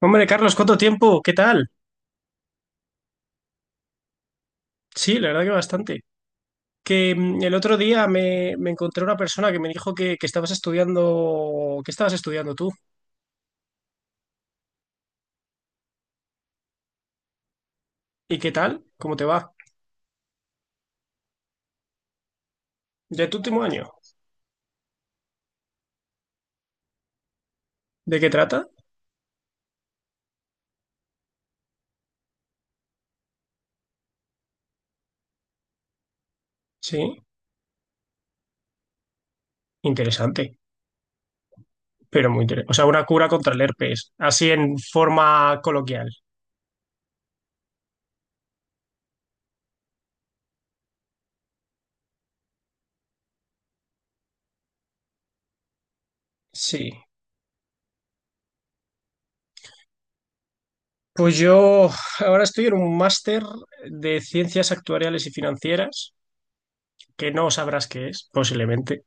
Hombre, Carlos, ¿cuánto tiempo? ¿Qué tal? Sí, la verdad que bastante. Que el otro día me encontré una persona que me dijo que estabas estudiando tú. ¿Y qué tal? ¿Cómo te va? ¿De tu último año? ¿De qué trata? Sí, interesante, pero muy interesante. O sea, una cura contra el herpes, así en forma coloquial. Sí. Pues yo ahora estoy en un máster de ciencias actuariales y financieras, que no sabrás qué es, posiblemente.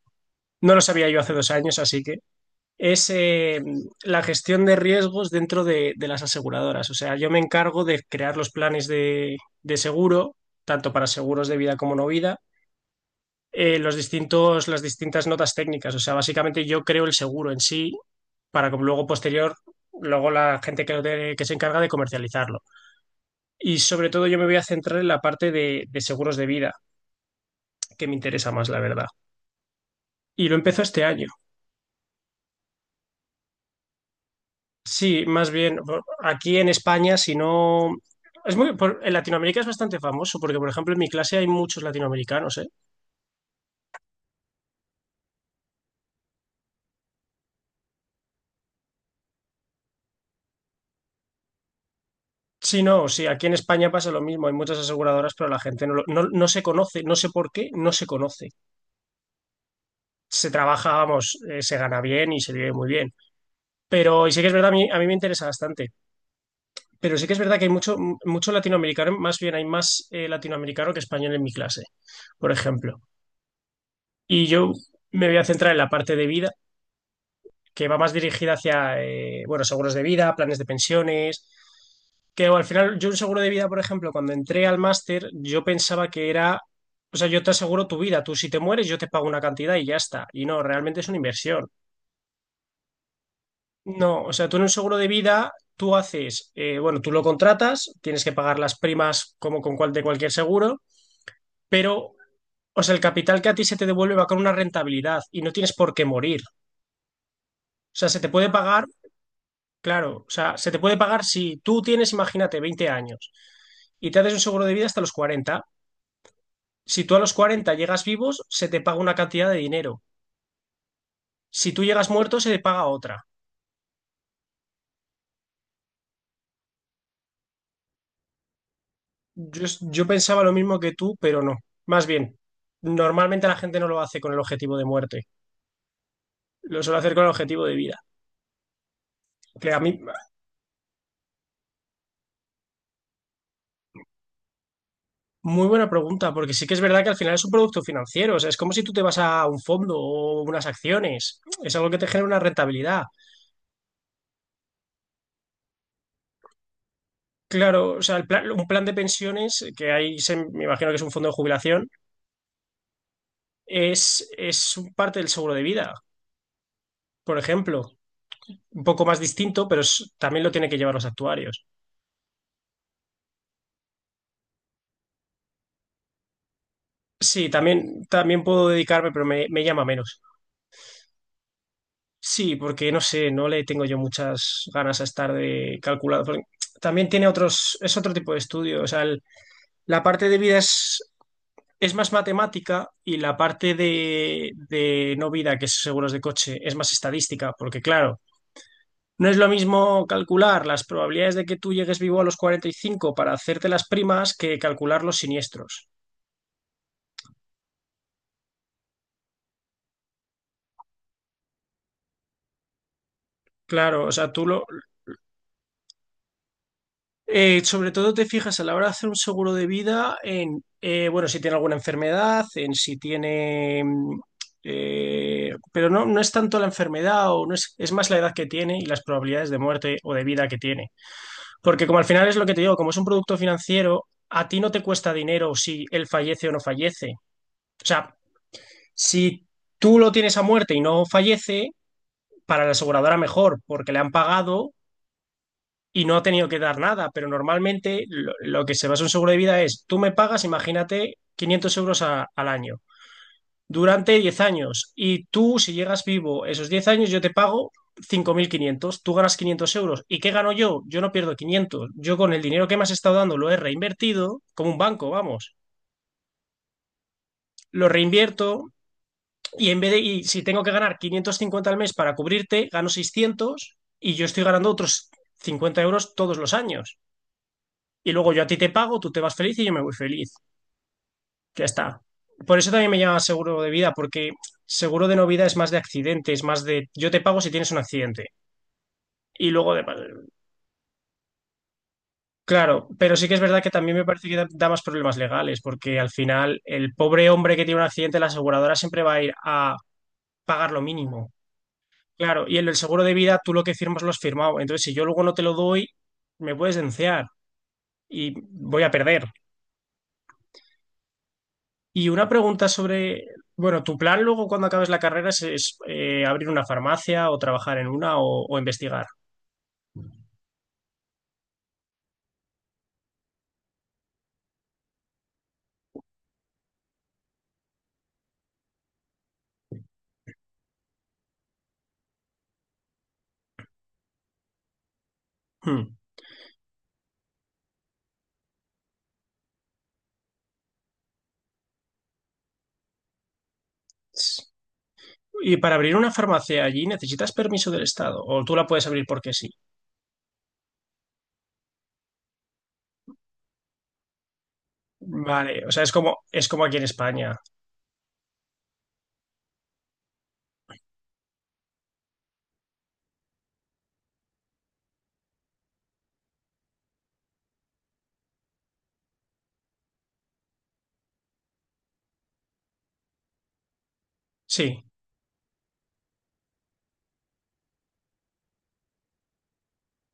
No lo sabía yo hace 2 años, así que es la gestión de riesgos dentro de las aseguradoras. O sea, yo me encargo de crear los planes de seguro, tanto para seguros de vida como no vida, las distintas notas técnicas. O sea, básicamente yo creo el seguro en sí para que luego la gente que se encarga de comercializarlo. Y sobre todo yo me voy a centrar en la parte de seguros de vida, que me interesa más, la verdad. Y lo empezó este año. Sí, más bien aquí en España, si no. En Latinoamérica es bastante famoso porque, por ejemplo, en mi clase hay muchos latinoamericanos, ¿eh? Sí, no, sí, aquí en España pasa lo mismo, hay muchas aseguradoras, pero la gente no se conoce, no sé por qué, no se conoce. Se trabaja, vamos, se gana bien y se vive muy bien. Pero, y sí que es verdad, a mí me interesa bastante, pero sí que es verdad que hay mucho, mucho latinoamericano, más bien hay más latinoamericano que español en mi clase, por ejemplo. Y yo me voy a centrar en la parte de vida que va más dirigida hacia, bueno, seguros de vida, planes de pensiones, que bueno, al final yo un seguro de vida, por ejemplo, cuando entré al máster, yo pensaba que era, o sea, yo te aseguro tu vida, tú si te mueres yo te pago una cantidad y ya está, y no, realmente es una inversión. No, o sea, tú en un seguro de vida, tú haces, bueno, tú lo contratas, tienes que pagar las primas como con de cualquier seguro, pero, o sea, el capital que a ti se te devuelve va con una rentabilidad y no tienes por qué morir. O sea, se te puede pagar. Claro, o sea, se te puede pagar si tú tienes, imagínate, 20 años y te haces un seguro de vida hasta los 40. Si tú a los 40 llegas vivos, se te paga una cantidad de dinero. Si tú llegas muerto, se te paga otra. Yo pensaba lo mismo que tú, pero no. Más bien, normalmente la gente no lo hace con el objetivo de muerte, lo suele hacer con el objetivo de vida. Que a mí, muy buena pregunta, porque sí que es verdad que al final es un producto financiero, o sea, es como si tú te vas a un fondo o unas acciones, es algo que te genera una rentabilidad. Claro, o sea, un plan de pensiones, que ahí me imagino que es un fondo de jubilación, es un parte del seguro de vida, por ejemplo. Un poco más distinto, pero también lo tienen que llevar los actuarios. Sí, también puedo dedicarme, pero me llama menos. Sí, porque no sé, no le tengo yo muchas ganas a estar de calculado, porque también tiene otros, es otro tipo de estudio. O sea, la parte de vida es más matemática y la parte de no vida, que es seguros de coche, es más estadística, porque claro. No es lo mismo calcular las probabilidades de que tú llegues vivo a los 45 para hacerte las primas que calcular los siniestros. Claro, o sea, sobre todo te fijas a la hora de hacer un seguro de vida en, bueno, si tiene alguna enfermedad, en si tiene, pero no es tanto la enfermedad o no es, es más la edad que tiene y las probabilidades de muerte o de vida que tiene. Porque como al final es lo que te digo, como es un producto financiero, a ti no te cuesta dinero si él fallece o no fallece. O sea, si tú lo tienes a muerte y no fallece, para la aseguradora mejor, porque le han pagado y no ha tenido que dar nada. Pero normalmente lo que se basa en un seguro de vida es, tú me pagas, imagínate, 500 euros al año durante 10 años. Y tú, si llegas vivo esos 10 años, yo te pago 5.500, tú ganas 500 euros. ¿Y qué gano yo? Yo no pierdo 500. Yo con el dinero que me has estado dando lo he reinvertido, como un banco, vamos. Lo reinvierto. Y si tengo que ganar 550 al mes para cubrirte, gano 600 y yo estoy ganando otros 50 euros todos los años. Y luego yo a ti te pago, tú te vas feliz y yo me voy feliz. Ya está. Por eso también me llama seguro de vida, porque seguro de no vida es más de accidentes, más de yo te pago si tienes un accidente. Y luego de... Claro, pero sí que es verdad que también me parece que da más problemas legales, porque al final el pobre hombre que tiene un accidente, la aseguradora siempre va a ir a pagar lo mínimo. Claro, y en el seguro de vida tú lo que firmas lo has firmado. Entonces, si yo luego no te lo doy, me puedes denunciar y voy a perder. Y una pregunta sobre, bueno, tu plan luego cuando acabes la carrera es, abrir una farmacia o trabajar en una o investigar. Hmm. Y para abrir una farmacia allí necesitas permiso del Estado o tú la puedes abrir porque sí. Vale, o sea, es como aquí en España. Sí.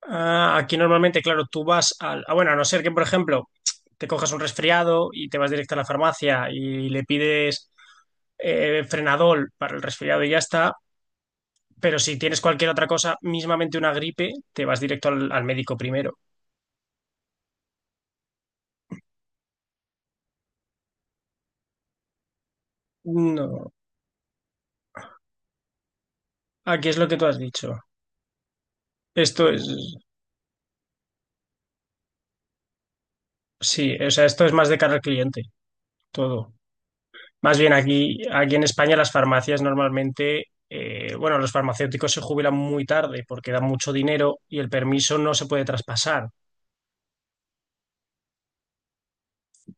Ah, aquí normalmente, claro, tú vas ah, bueno, a no ser que, por ejemplo, te cojas un resfriado y te vas directo a la farmacia y le pides frenadol para el resfriado y ya está. Pero si tienes cualquier otra cosa, mismamente una gripe, te vas directo al médico primero. No, aquí es lo que tú has dicho. Esto es... Sí, o sea, esto es más de cara al cliente, todo. Más bien aquí, en España las farmacias normalmente, bueno, los farmacéuticos se jubilan muy tarde porque dan mucho dinero y el permiso no se puede traspasar,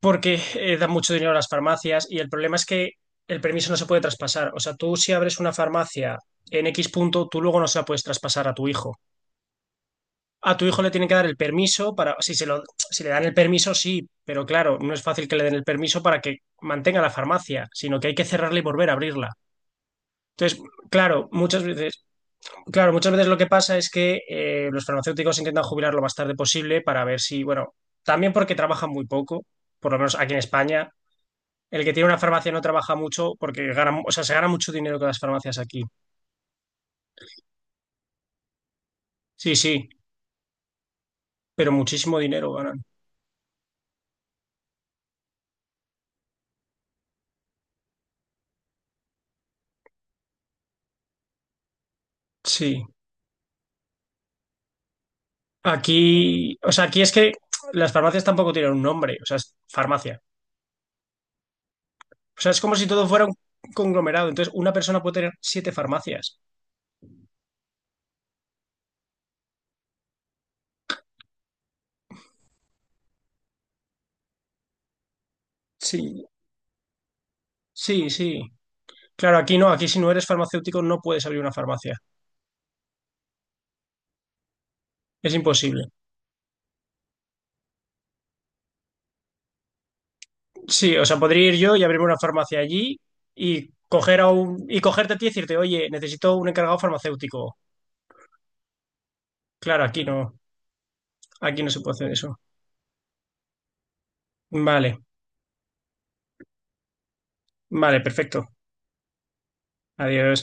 porque dan mucho dinero a las farmacias y el problema es que el permiso no se puede traspasar. O sea, tú si abres una farmacia en X punto, tú luego no se la puedes traspasar a tu hijo. A tu hijo le tienen que dar el permiso para, si le dan el permiso, sí, pero claro, no es fácil que le den el permiso para que mantenga la farmacia, sino que hay que cerrarla y volver a abrirla. Entonces, claro, muchas veces claro, muchas veces lo que pasa es que los farmacéuticos intentan jubilar lo más tarde posible para ver si, bueno, también porque trabajan muy poco, por lo menos aquí en España. El que tiene una farmacia no trabaja mucho porque gana, o sea, se gana mucho dinero con las farmacias aquí. Sí, sí, pero muchísimo dinero ganan. Sí. Aquí, o sea, aquí es que las farmacias tampoco tienen un nombre, o sea, es farmacia. O sea, es como si todo fuera un conglomerado. Entonces, una persona puede tener 7 farmacias. Sí, sí, sí. Claro, aquí no, aquí si no eres farmacéutico no puedes abrir una farmacia. Es imposible. Sí, o sea, podría ir yo y abrirme una farmacia allí y coger y cogerte a ti y decirte, oye, necesito un encargado farmacéutico. Claro, aquí no se puede hacer eso. Vale, vale, perfecto. Adiós.